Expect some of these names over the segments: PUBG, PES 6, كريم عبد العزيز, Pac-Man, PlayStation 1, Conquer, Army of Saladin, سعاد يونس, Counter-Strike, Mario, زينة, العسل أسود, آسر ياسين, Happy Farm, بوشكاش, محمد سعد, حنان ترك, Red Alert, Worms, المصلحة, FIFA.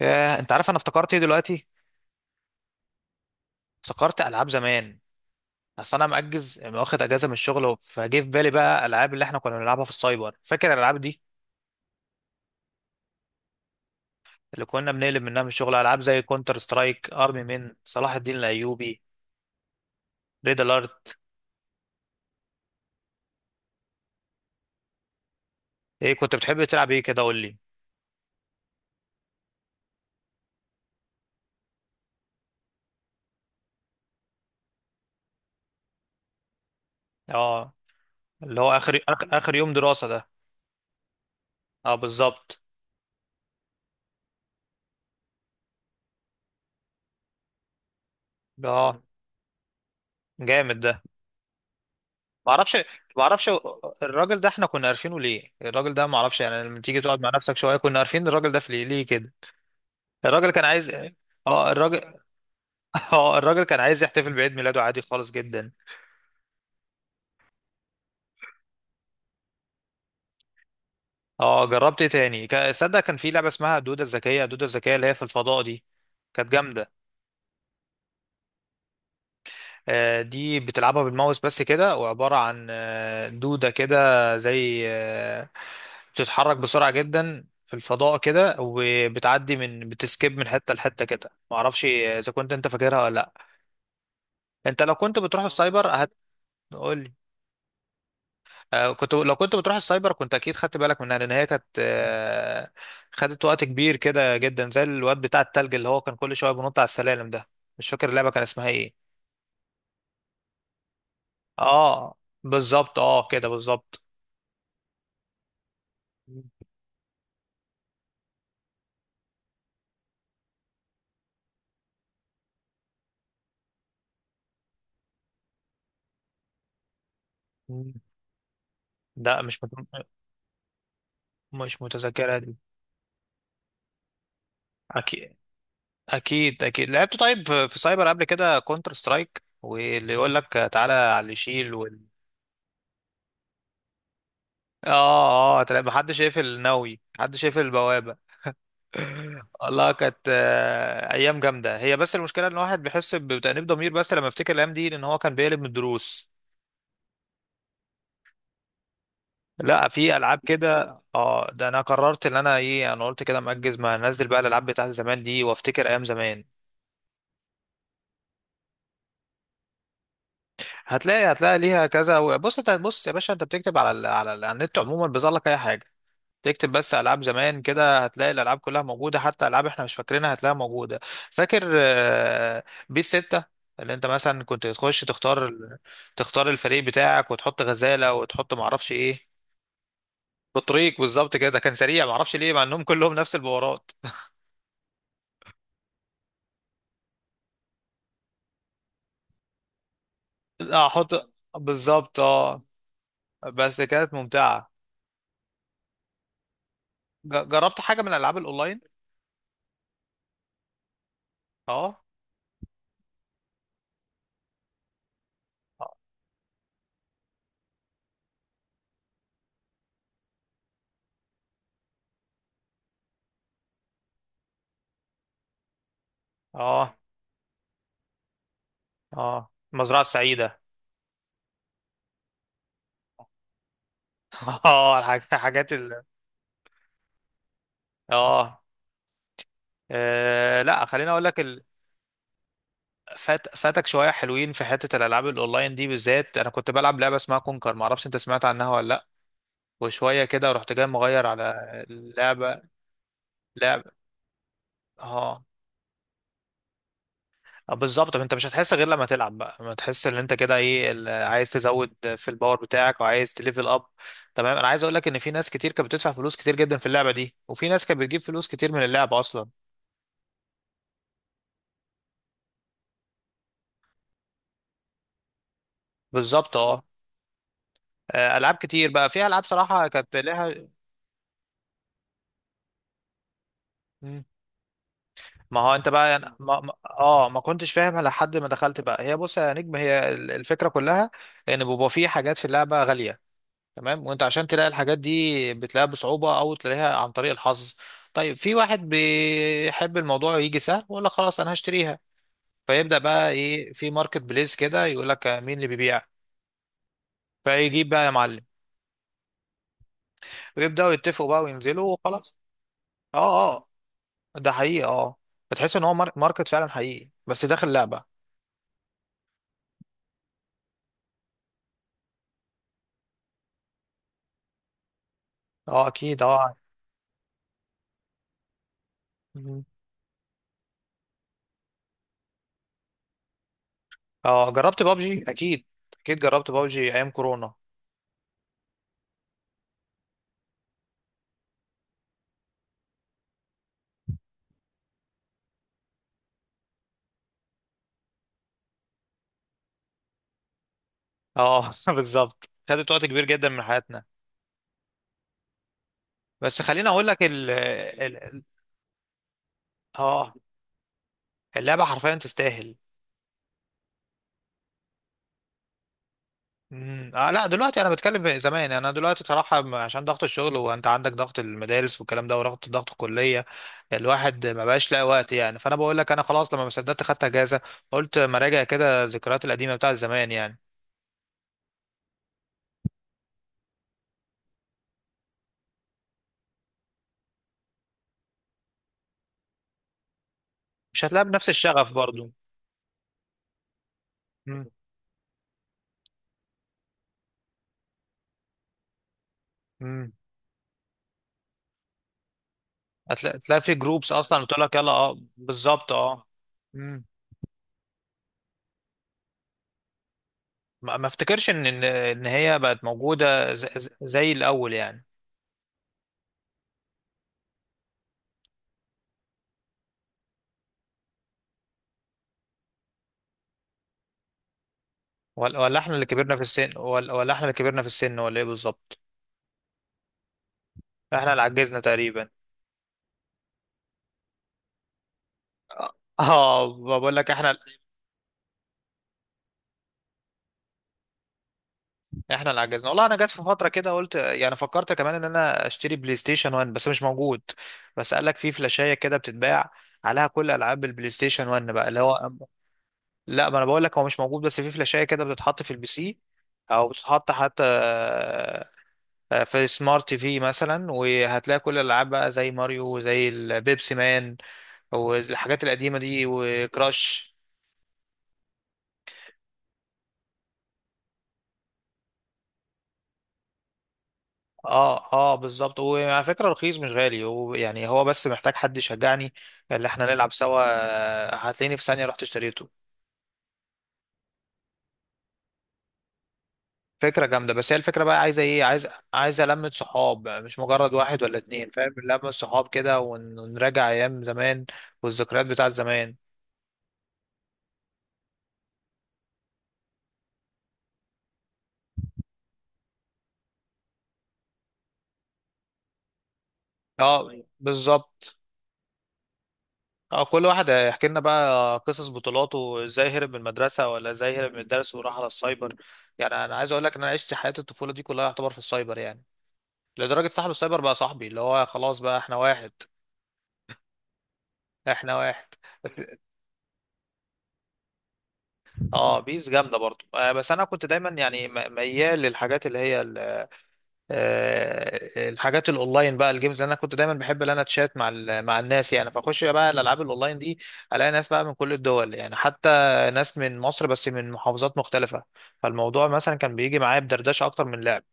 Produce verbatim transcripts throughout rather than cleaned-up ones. ياه، انت عارف انا افتكرت ايه دلوقتي؟ افتكرت العاب زمان. اصل انا مأجز، واخد اجازه من الشغل، فجه في بالي بقى الالعاب اللي احنا كنا بنلعبها في السايبر. فاكر الالعاب دي اللي كنا بنقلب منها من الشغل؟ العاب زي كونتر سترايك، ارمي من صلاح الدين الايوبي، ريد الارت. ايه كنت بتحب تلعب ايه كده؟ قول لي. اه، اللي هو اخر اخر آخر يوم دراسه ده. اه بالظبط. اه جامد ده. ما اعرفش، ما اعرفش. الراجل ده احنا كنا عارفينه ليه؟ الراجل ده ما اعرفش يعني، لما تيجي تقعد مع نفسك شويه، كنا عارفين الراجل ده في ليه ليه كده؟ الراجل كان عايز، اه الراجل، اه الراجل كان عايز يحتفل بعيد ميلاده عادي خالص جدا. اه جربت ايه تاني؟ كا- صدق كان في لعبه اسمها دوده الذكيه، دوده الذكيه اللي هي في الفضاء دي. كانت جامده. آه، دي بتلعبها بالماوس بس كده، وعباره عن آه، دوده كده، زي آه، بتتحرك بسرعه جدا في الفضاء كده، وبتعدي من بتسكيب من حته لحته كده. معرفش اذا كنت انت فاكرها ولا لا. انت لو كنت بتروح السايبر هتقول آه، كنت، لو كنت بتروح السايبر كنت اكيد خدت بالك منها، لان هي كانت آه، خدت وقت كبير كده جدا، زي الواد بتاع التلج اللي هو كان كل شويه بينط على السلالم ده. مش فاكر اللعبه كان اسمها ايه. اه بالظبط، اه كده بالظبط. مم. لا مش مت... مش متذكرها دي. اكيد، اكيد اكيد لعبت. طيب في في سايبر قبل كده كونتر سترايك، واللي يقول لك تعالى على اللي يشيل وال... اه اه، تلاقي محدش شايف الناوي، محدش شايف البوابه. والله كانت آه، ايام جامده هي، بس المشكله ان الواحد بيحس بتأنيب ضمير بس، لما افتكر الايام دي ان هو كان بيقلب من الدروس. لا في العاب كده، اه ده انا قررت ان انا ايه، انا قلت كده مأجز، ما انزل بقى الالعاب بتاعت زمان دي وافتكر ايام زمان. هتلاقي، هتلاقي ليها كذا. بص انت، بص يا باشا، انت بتكتب على ال على, ال على النت عموما بيظهر لك اي حاجه تكتب. بس العاب زمان كده هتلاقي الالعاب كلها موجوده، حتى العاب احنا مش فاكرينها هتلاقيها موجوده. فاكر آه، بيس ستة؟ اللي انت مثلا كنت تخش تختار ال- تختار الفريق بتاعك، وتحط غزاله وتحط معرفش ايه. بطريق، بالظبط كده. كان سريع معرفش ليه، مع انهم كلهم نفس البورات. لا احط، بالظبط اه. بس كانت ممتعه. ج- جربت حاجه من الالعاب الاونلاين؟ اه اه اه، المزرعه السعيده. اه الحاجات الحاجات ال... اه آه، لا خليني اقول لك. فات، فاتك شويه حلوين في حته الالعاب الاونلاين دي. بالذات انا كنت بلعب لعبه اسمها كونكر، ما اعرفش انت سمعت عنها ولا لا. وشويه كده رحت جاي مغير على اللعبه. لعبه اه آه، بالظبط. طب انت مش هتحس غير لما تلعب بقى، ما تحس ان انت كده ايه ال- عايز تزود في الباور بتاعك وعايز تليفل اب. تمام، انا عايز اقول لك ان في ناس كتير كانت بتدفع فلوس كتير جدا في اللعبه دي، وفي ناس كانت بتجيب فلوس كتير من اللعبه اصلا. بالظبط اه. آه، العاب كتير بقى فيها، العاب صراحه كانت لها. ما هو انت بقى يعني ما ما- اه، ما كنتش فاهم لحد ما دخلت بقى. هي بص يا نجم، هي ال- الفكره كلها ان بيبقى في حاجات في اللعبه غاليه، تمام. وانت عشان تلاقي الحاجات دي بتلاقيها بصعوبه او تلاقيها عن طريق الحظ. طيب، في واحد بيحب الموضوع يجي سهل، ولا خلاص انا هشتريها. فيبدا بقى ايه، في ماركت بليس كده، يقول لك مين اللي بيبيع. فيجيب بقى يا معلم، ويبداوا يتفقوا بقى وينزلوا وخلاص. اه اه، ده حقيقي اه، بتحس ان هو مار- ماركت فعلا حقيقي، بس داخل لعبه. اه اكيد اه. اه جربت بابجي اكيد، اكيد جربت بابجي ايام كورونا. اه بالظبط، خدت وقت كبير جدا من حياتنا. بس خليني اقول لك ال ال ال- اه اللعبه حرفيا تستاهل. مم. آه لا، دلوقتي انا بتكلم زمان، انا دلوقتي صراحه م- عشان ضغط الشغل، وانت عندك ضغط المدارس والكلام ده، وضغط ضغط الكليه، الواحد ما بقاش لاقي وقت يعني. فانا بقول لك انا خلاص، لما ما صدقت خدت اجازه، قلت ما راجع كده الذكريات القديمه بتاعت زمان يعني. مش هتلاقي بنفس الشغف برضو. مم. مم. هتلاقي، تلاقي في جروبس اصلا بتقول لك يلا، اه بالظبط اه. مم. ما ما افتكرش ان ان إن هي بقت موجوده ز- ز- زي الاول يعني. ولا، ولا احنا اللي كبرنا في السن ولا ولا احنا اللي كبرنا في السن، ولا ايه بالظبط؟ احنا اللي عجزنا تقريبا. اه بقول لك، احنا احنا اللي عجزنا والله. انا جت في فتره كده قلت يعني، فكرت كمان ان انا اشتري بلاي ستيشن واحد، بس مش موجود. بس قال لك في فلاشايه كده بتتباع عليها كل العاب البلاي ستيشن واحد بقى، اللي هو لا، ما انا بقول لك هو مش موجود، بس في فلاشايه كده بتتحط في البي سي، او بتتحط حتى آه، في سمارت تي في مثلا، وهتلاقي كل الالعاب بقى زي ماريو وزي البيبسي مان والحاجات القديمه دي وكراش. اه اه بالظبط. وعلى فكره رخيص مش غالي، ويعني هو بس محتاج حد يشجعني اللي احنا نلعب سوا، آه، هتلاقيني في ثانيه رحت اشتريته. فكرة جامدة، بس هي الفكرة بقى عايزة ايه؟ عايز، عايزة لمة صحاب، مش مجرد واحد ولا اتنين، فاهم؟ لمة صحاب كده، ون- ونراجع ايام زمان والذكريات بتاع زمان. اه بالظبط اه. كل واحد هيحكي لنا بقى قصص بطولاته ازاي هرب من المدرسة، ولا ازاي هرب من الدرس وراح على السايبر. يعني انا عايز اقول لك ان انا عشت حياة الطفولة دي كلها يعتبر في السايبر يعني، لدرجة صاحب السايبر بقى صاحبي، اللي هو خلاص بقى احنا واحد. احنا واحد. بس- اه بيس جامدة برضو آه، بس انا كنت دايما يعني م- ميال للحاجات اللي هي آه، الحاجات الاونلاين بقى، الجيمز. انا كنت دايما بحب ان انا اتشات مع ال- مع الناس يعني، فاخش بقى الالعاب الاونلاين دي، الاقي ناس بقى من كل الدول يعني، حتى ناس من مصر بس من محافظات مختلفة. فالموضوع مثلا كان بيجي معايا بدردشة اكتر من لعب.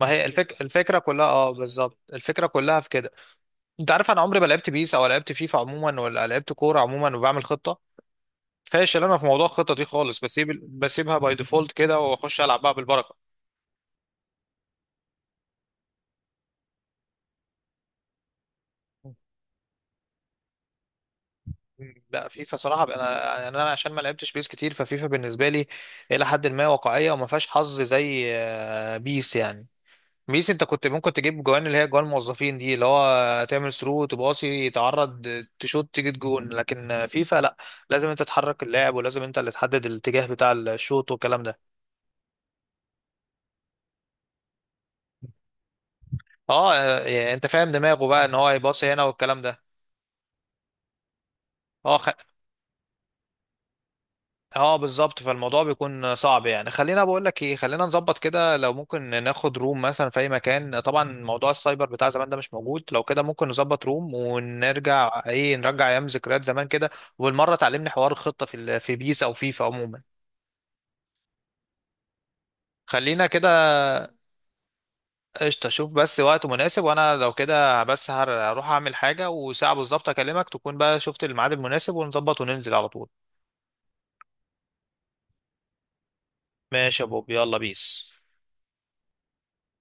ما هي الفك... الفكرة كلها اه بالظبط، الفكرة كلها في كده. انت عارف انا عمري ما لعبت بيس او لعبت فيفا عموما، ولا لعبت كورة عموما وبعمل خطة. فاشل انا في موضوع الخطة دي خالص، بسيب بسيبها باي ديفولت كده، واخش العب بقى بالبركة. لا فيفا صراحه بقى، انا يعني انا عشان ما لعبتش بيس كتير، ففيفا بالنسبه لي الى حد ما واقعيه وما فيهاش حظ زي آه، بيس يعني. بيس انت كنت ممكن تجيب جوان، اللي هي جوان موظفين دي، اللي هو تعمل ثرو، تباصي، تعرض، تشوت، تيجي جون. لكن آه، فيفا لا، لازم انت تحرك اللاعب، ولازم انت اللي تحدد الاتجاه بتاع الشوط والكلام ده. اه آه، انت فاهم دماغه بقى ان هو يباصي هنا والكلام ده. اه اه بالظبط، فالموضوع بيكون صعب يعني. خلينا بقول لك ايه، خلينا نظبط كده لو ممكن، ناخد روم مثلا في اي مكان، طبعا موضوع السايبر بتاع زمان ده مش موجود، لو كده ممكن نظبط روم ونرجع ايه، نرجع ايام ذكريات زمان كده. وبالمره تعلمني حوار الخطه في ال- في بيس او فيفا عموما. خلينا كده. قشطه، شوف بس وقت مناسب، وانا لو كده بس هر- هروح اعمل حاجه وساعه بالظبط اكلمك، تكون بقى شفت الميعاد المناسب، ونظبط وننزل على طول. ماشي يا بوب، يلا بيس.